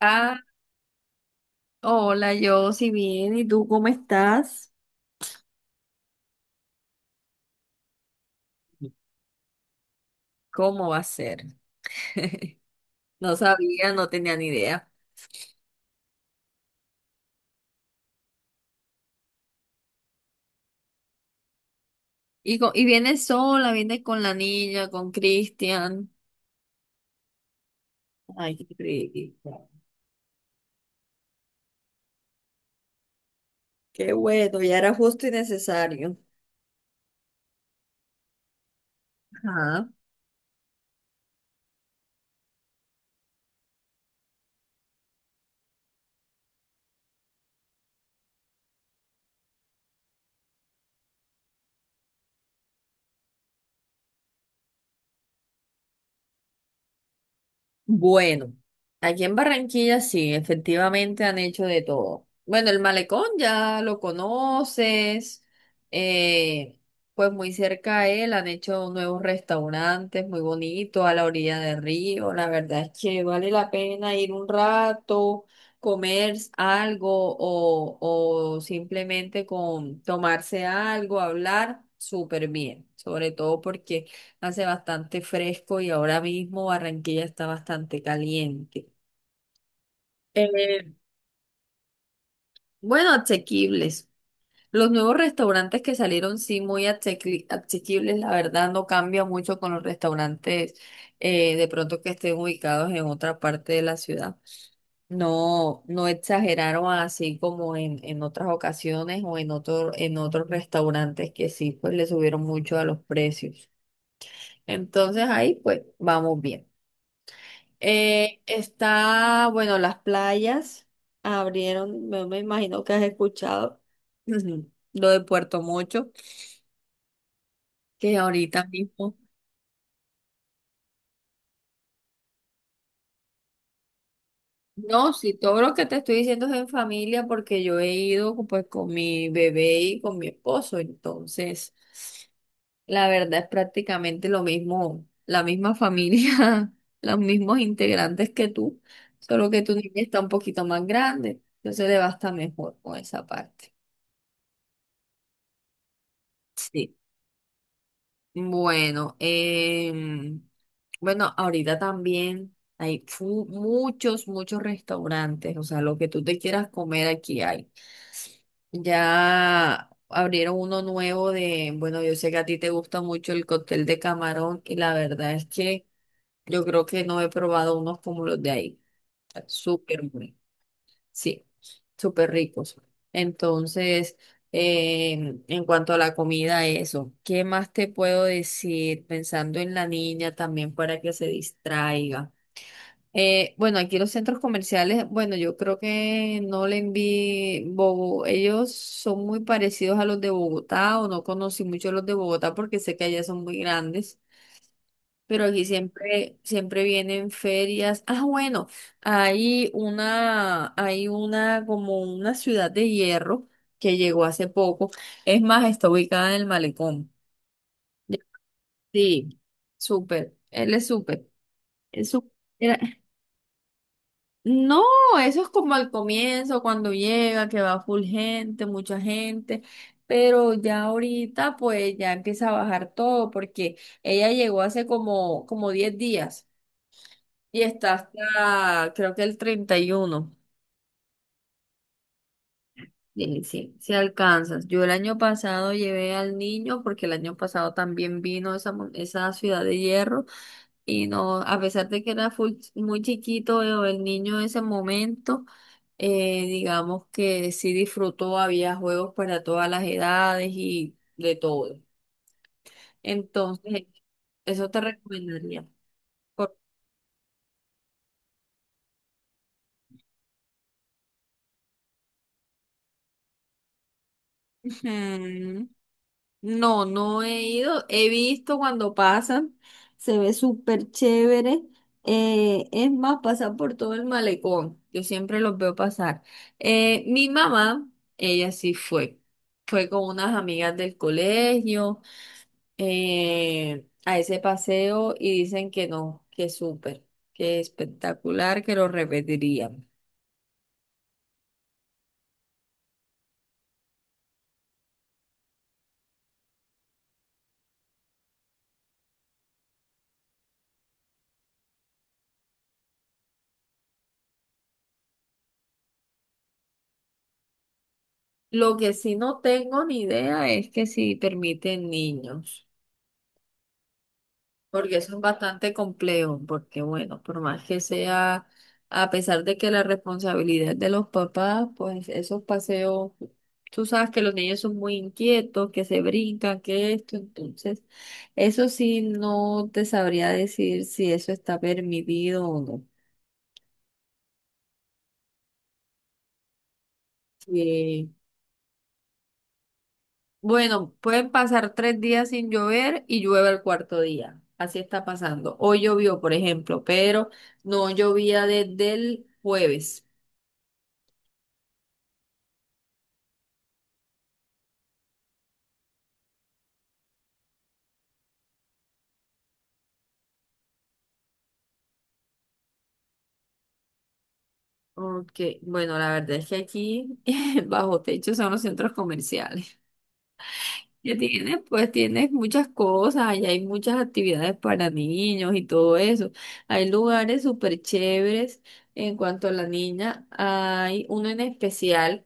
Ah, hola, yo, sí bien, ¿y tú cómo estás? ¿Cómo va a ser? No sabía, no tenía ni idea. Y, y viene sola, viene con la niña, con Cristian. Ay, qué rico. Qué bueno, ya era justo y necesario. Ajá. Bueno, aquí en Barranquilla sí, efectivamente han hecho de todo. Bueno, el malecón ya lo conoces, eh, pues muy cerca a él han hecho nuevos restaurantes muy bonitos a la orilla del río. La verdad es que vale la pena ir un rato, comer algo o simplemente con tomarse algo, hablar súper bien, sobre todo porque hace bastante fresco y ahora mismo Barranquilla está bastante caliente. Eh, bueno, asequibles. Los nuevos restaurantes que salieron, sí, muy asequibles, la verdad no cambia mucho con los restaurantes de pronto que estén ubicados en otra parte de la ciudad. No, no exageraron así como en otras ocasiones o en otros restaurantes que sí, pues le subieron mucho a los precios. Entonces ahí pues vamos bien. Bueno, las playas abrieron, me imagino que has escuchado, ujú, lo de Puerto Mocho, que ahorita mismo. No, sí, todo lo que te estoy diciendo es en familia porque yo he ido pues con mi bebé y con mi esposo, entonces la verdad es prácticamente lo mismo, la misma familia, los mismos integrantes que tú, solo que tu niña está un poquito más grande, entonces le va a estar mejor con esa parte. Sí. Bueno, bueno, ahorita también hay muchos restaurantes, o sea, lo que tú te quieras comer aquí hay. Ya abrieron uno nuevo bueno, yo sé que a ti te gusta mucho el cóctel de camarón y la verdad es que yo creo que no he probado unos como los de ahí. Está súper bueno. Sí, súper ricos. Entonces, en cuanto a la comida, eso. ¿Qué más te puedo decir? Pensando en la niña también para que se distraiga. Bueno, aquí los centros comerciales, bueno, yo creo que no le envié Bogo. Ellos son muy parecidos a los de Bogotá o no conocí mucho los de Bogotá porque sé que allá son muy grandes. Pero aquí siempre, siempre vienen ferias. Ah, bueno, hay una como una ciudad de hierro que llegó hace poco. Es más, está ubicada en el malecón. Ya- Sí, súper. Él es súper. Es sú- era- No, eso es como al comienzo, cuando llega, que va full gente, mucha gente. Pero ya ahorita, pues ya empieza a bajar todo, porque ella llegó hace como 10 días. Y está hasta, creo que el 31. Sí, sí, sí alcanzas. Yo el año pasado llevé al niño porque el año pasado también vino esa ciudad de hierro y no, a pesar de que era muy chiquito el niño en ese momento, digamos que sí disfrutó, había juegos para todas las edades y de todo. Entonces, eso te recomendaría. Ujú. No, no he ido. He visto cuando pasan. Se ve súper chévere. Es más, pasan por todo el malecón. Yo siempre los veo pasar. Mi mamá, ella sí fue. Fue con unas amigas del colegio a ese paseo y dicen que no, que súper, que espectacular, que lo repetirían. Lo que sí no tengo ni idea es que si permiten niños. Porque eso es bastante complejo, porque bueno, por más que sea, a pesar de que la responsabilidad es de los papás, pues esos paseos, tú sabes que los niños son muy inquietos, que se brincan, que esto, entonces, eso sí no te sabría decir si eso está permitido o no. Eh, bueno, pueden pasar 3 días sin llover y llueve el cuarto día. Así está pasando. Hoy llovió, por ejemplo, pero no llovía desde el jueves. Ok, bueno, la verdad es que aquí bajo techo son los centros comerciales. Ya tienes, pues tienes muchas cosas, y hay muchas actividades para niños y todo eso. Hay lugares súper chéveres. En cuanto a la niña, hay uno en especial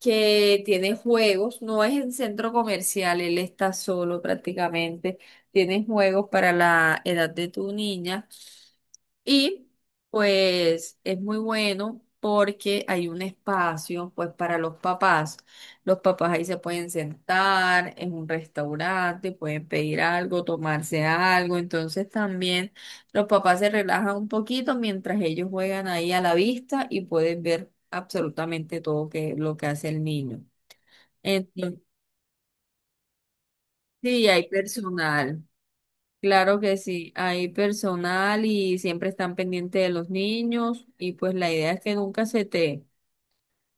que tiene juegos, no es en centro comercial, él está solo prácticamente. Tiene juegos para la edad de tu niña. Y pues es muy bueno porque hay un espacio pues para los papás. Los papás ahí se pueden sentar en un restaurante, pueden pedir algo, tomarse algo. Entonces también los papás se relajan un poquito mientras ellos juegan ahí a la vista y pueden ver absolutamente todo lo que hace el niño. Entonces, sí, hay personal. Claro que sí, hay personal y siempre están pendientes de los niños y pues la idea es que nunca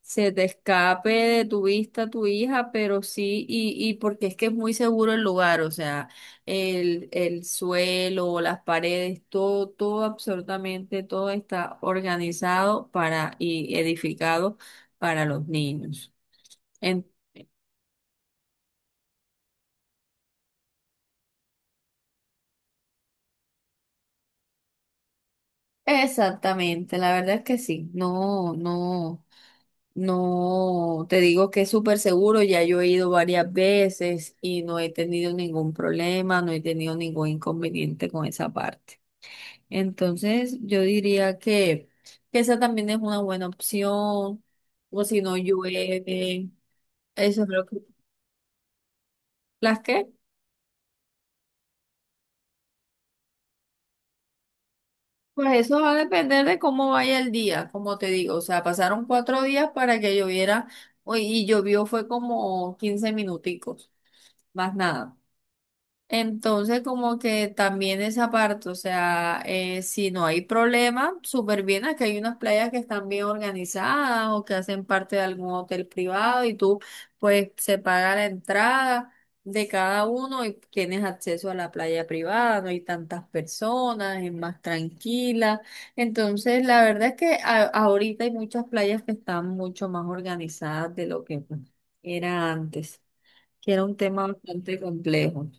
se te escape de tu vista tu hija, pero sí, y porque es que es muy seguro el lugar, o sea, el suelo, las paredes, todo, todo, absolutamente todo está organizado para y edificado para los niños. En- exactamente, la verdad es que sí, no, no. No, te digo que es súper seguro, ya yo he ido varias veces y no he tenido ningún problema, no he tenido ningún inconveniente con esa parte. Entonces, yo diría que, esa también es una buena opción, o si no llueve, eso es lo que... ¿Las qué? Pues eso va a depender de cómo vaya el día, como te digo, o sea, pasaron 4 días para que lloviera, uy, y llovió fue como 15 minuticos, más nada. Entonces, como que también esa parte, o sea, si no hay problema, súper bien, aquí hay unas playas que están bien organizadas o que hacen parte de algún hotel privado y tú, pues, se paga la entrada de cada uno y tienes acceso a la playa privada, no hay tantas personas, es más tranquila. Entonces, la verdad es que ahorita hay muchas playas que están mucho más organizadas de lo que pues, era antes, que era un tema bastante complejo.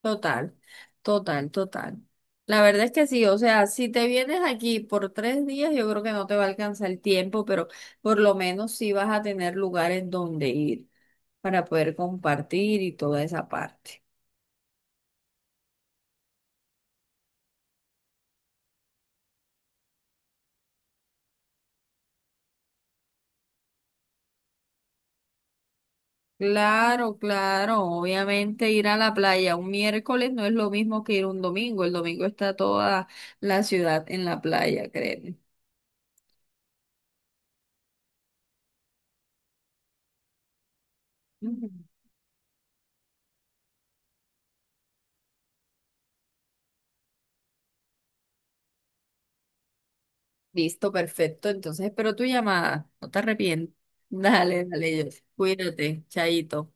Total, total, total. La verdad es que sí, o sea, si te vienes aquí por 3 días, yo creo que no te va a alcanzar el tiempo, pero por lo menos sí vas a tener lugares donde ir para poder compartir y toda esa parte. Claro, claro, obviamente ir a la playa un miércoles no es lo mismo que ir un domingo, el domingo está toda la ciudad en la playa, créeme. Listo, perfecto. Entonces espero tu llamada. No te arrepientes. Dale, dale, Jess. Cuídate, chaito.